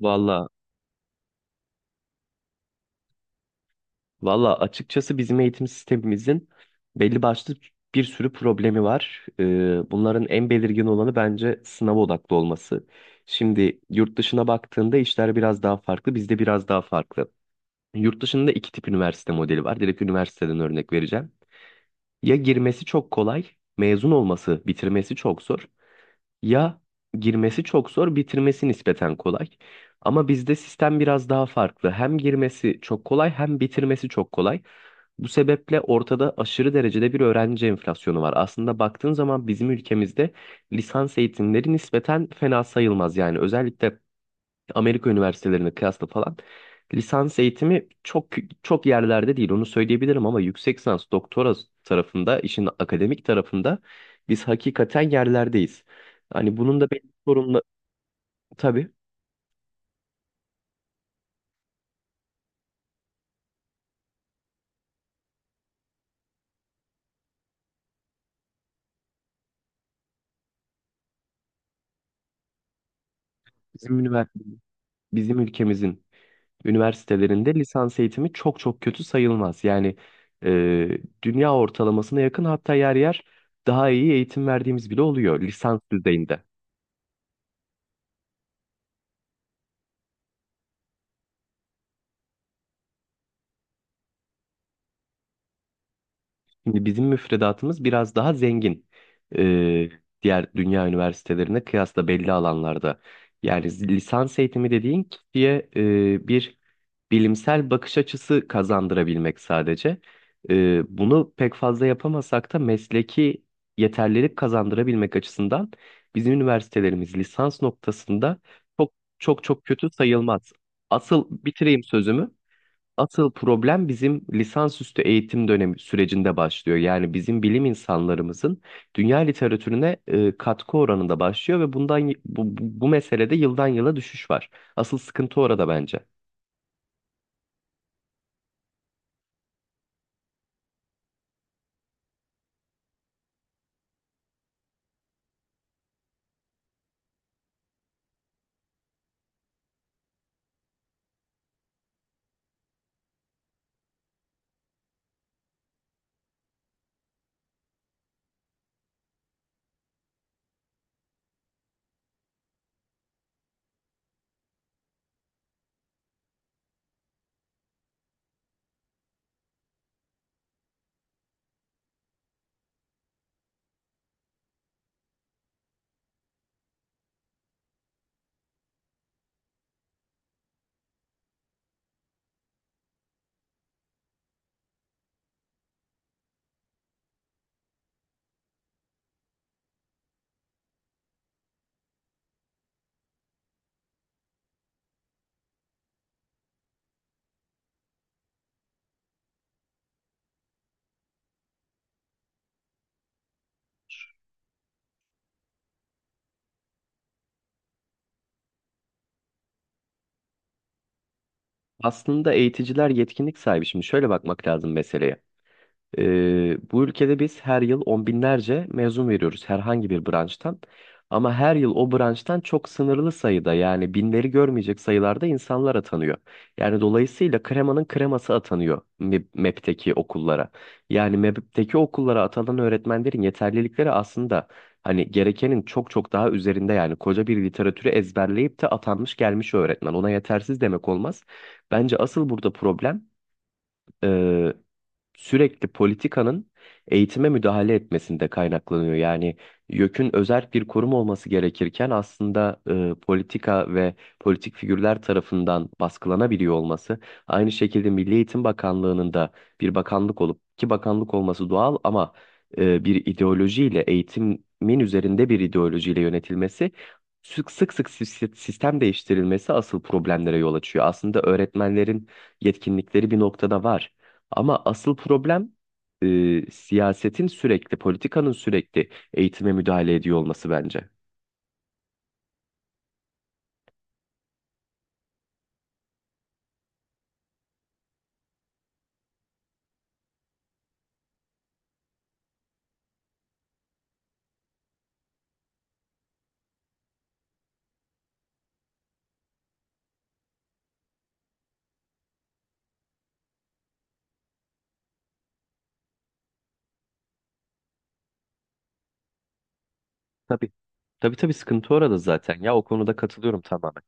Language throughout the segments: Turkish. Valla, valla, açıkçası bizim eğitim sistemimizin belli başlı bir sürü problemi var. Bunların en belirgin olanı bence sınav odaklı olması. Şimdi yurt dışına baktığında işler biraz daha farklı, bizde biraz daha farklı. Yurt dışında iki tip üniversite modeli var. Direkt üniversiteden örnek vereceğim. Ya girmesi çok kolay, mezun olması, bitirmesi çok zor. Ya girmesi çok zor, bitirmesi nispeten kolay. Ama bizde sistem biraz daha farklı. Hem girmesi çok kolay hem bitirmesi çok kolay. Bu sebeple ortada aşırı derecede bir öğrenci enflasyonu var. Aslında baktığın zaman bizim ülkemizde lisans eğitimleri nispeten fena sayılmaz. Yani özellikle Amerika üniversitelerine kıyasla falan lisans eğitimi çok çok yerlerde değil onu söyleyebilirim, ama yüksek lisans doktora tarafında, işin akademik tarafında biz hakikaten yerlerdeyiz. Hani bunun da benim sorumlu tabii, bizim üniversite bizim ülkemizin üniversitelerinde lisans eğitimi çok çok kötü sayılmaz. Yani dünya ortalamasına yakın, hatta yer yer daha iyi eğitim verdiğimiz bile oluyor lisans düzeyinde. Şimdi bizim müfredatımız biraz daha zengin e, diğer dünya üniversitelerine kıyasla belli alanlarda. Yani lisans eğitimi dediğin kişiye bir bilimsel bakış açısı kazandırabilmek sadece. Bunu pek fazla yapamasak da mesleki yeterlilik kazandırabilmek açısından bizim üniversitelerimiz lisans noktasında çok çok kötü sayılmaz. Asıl bitireyim sözümü. Asıl problem bizim lisansüstü eğitim dönemi sürecinde başlıyor. Yani bizim bilim insanlarımızın dünya literatürüne katkı oranında başlıyor ve bu meselede yıldan yıla düşüş var. Asıl sıkıntı orada bence. Aslında eğiticiler yetkinlik sahibi. Şimdi şöyle bakmak lazım meseleye. Bu ülkede biz her yıl on binlerce mezun veriyoruz herhangi bir branştan. Ama her yıl o branştan çok sınırlı sayıda, yani binleri görmeyecek sayılarda insanlar atanıyor. Yani dolayısıyla kremanın kreması atanıyor MEB'teki okullara. Yani MEB'teki okullara atanan öğretmenlerin yeterlilikleri aslında hani gerekenin çok çok daha üzerinde, yani koca bir literatürü ezberleyip de atanmış gelmiş öğretmen. Ona yetersiz demek olmaz. Bence asıl burada problem e, sürekli politikanın eğitime müdahale etmesinde kaynaklanıyor. Yani YÖK'ün özerk bir kurum olması gerekirken, aslında politika ve politik figürler tarafından baskılanabiliyor olması. Aynı şekilde Milli Eğitim Bakanlığı'nın da bir bakanlık olup, ki bakanlık olması doğal, ama bir ideolojiyle eğitimin üzerinde bir ideolojiyle yönetilmesi, sistem değiştirilmesi asıl problemlere yol açıyor. Aslında öğretmenlerin yetkinlikleri bir noktada var. Ama asıl problem siyasetin sürekli, politikanın sürekli eğitime müdahale ediyor olması bence. Tabii. Tabii, tabii, sıkıntı orada zaten. Ya o konuda katılıyorum tamamen.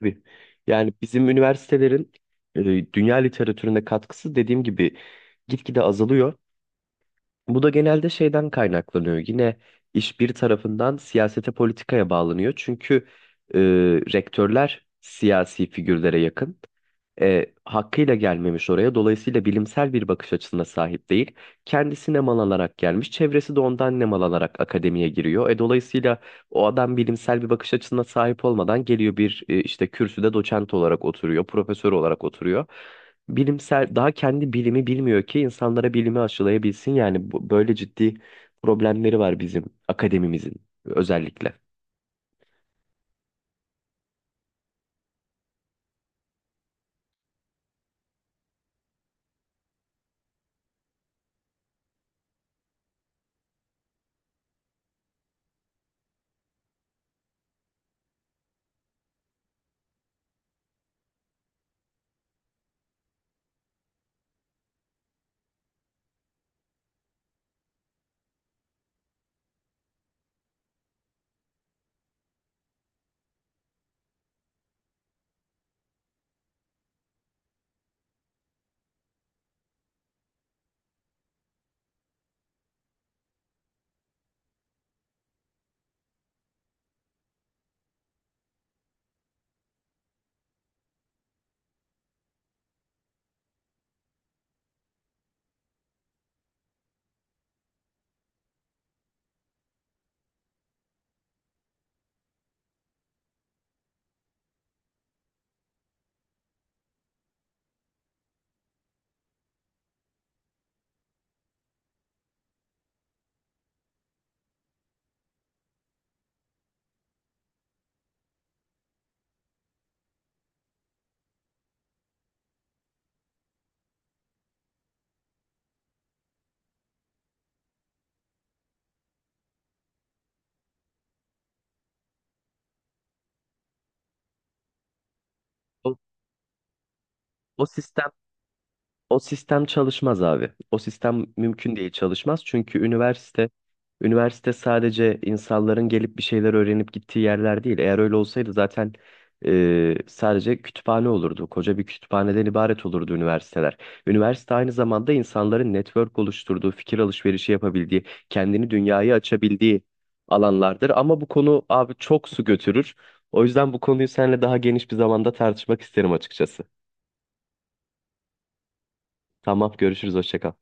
Tabii. Yani bizim üniversitelerin dünya literatürüne katkısı, dediğim gibi, gitgide azalıyor. Bu da genelde şeyden kaynaklanıyor. Yine iş bir tarafından siyasete, politikaya bağlanıyor. Çünkü e, rektörler siyasi figürlere yakın. Hakkıyla gelmemiş oraya. Dolayısıyla bilimsel bir bakış açısına sahip değil. Kendisi nem alarak gelmiş. Çevresi de ondan nem alarak akademiye giriyor. Dolayısıyla o adam bilimsel bir bakış açısına sahip olmadan geliyor, bir işte kürsüde doçent olarak oturuyor, profesör olarak oturuyor. Bilimsel daha kendi bilimi bilmiyor ki insanlara bilimi aşılayabilsin. Yani böyle ciddi problemleri var bizim akademimizin özellikle. O, o sistem O sistem çalışmaz abi. O sistem mümkün değil çalışmaz. Çünkü üniversite sadece insanların gelip bir şeyler öğrenip gittiği yerler değil. Eğer öyle olsaydı zaten sadece kütüphane olurdu. Koca bir kütüphaneden ibaret olurdu üniversiteler. Üniversite aynı zamanda insanların network oluşturduğu, fikir alışverişi yapabildiği, kendini dünyaya açabildiği alanlardır. Ama bu konu abi çok su götürür. O yüzden bu konuyu seninle daha geniş bir zamanda tartışmak isterim açıkçası. Tamam, görüşürüz, hoşça kal.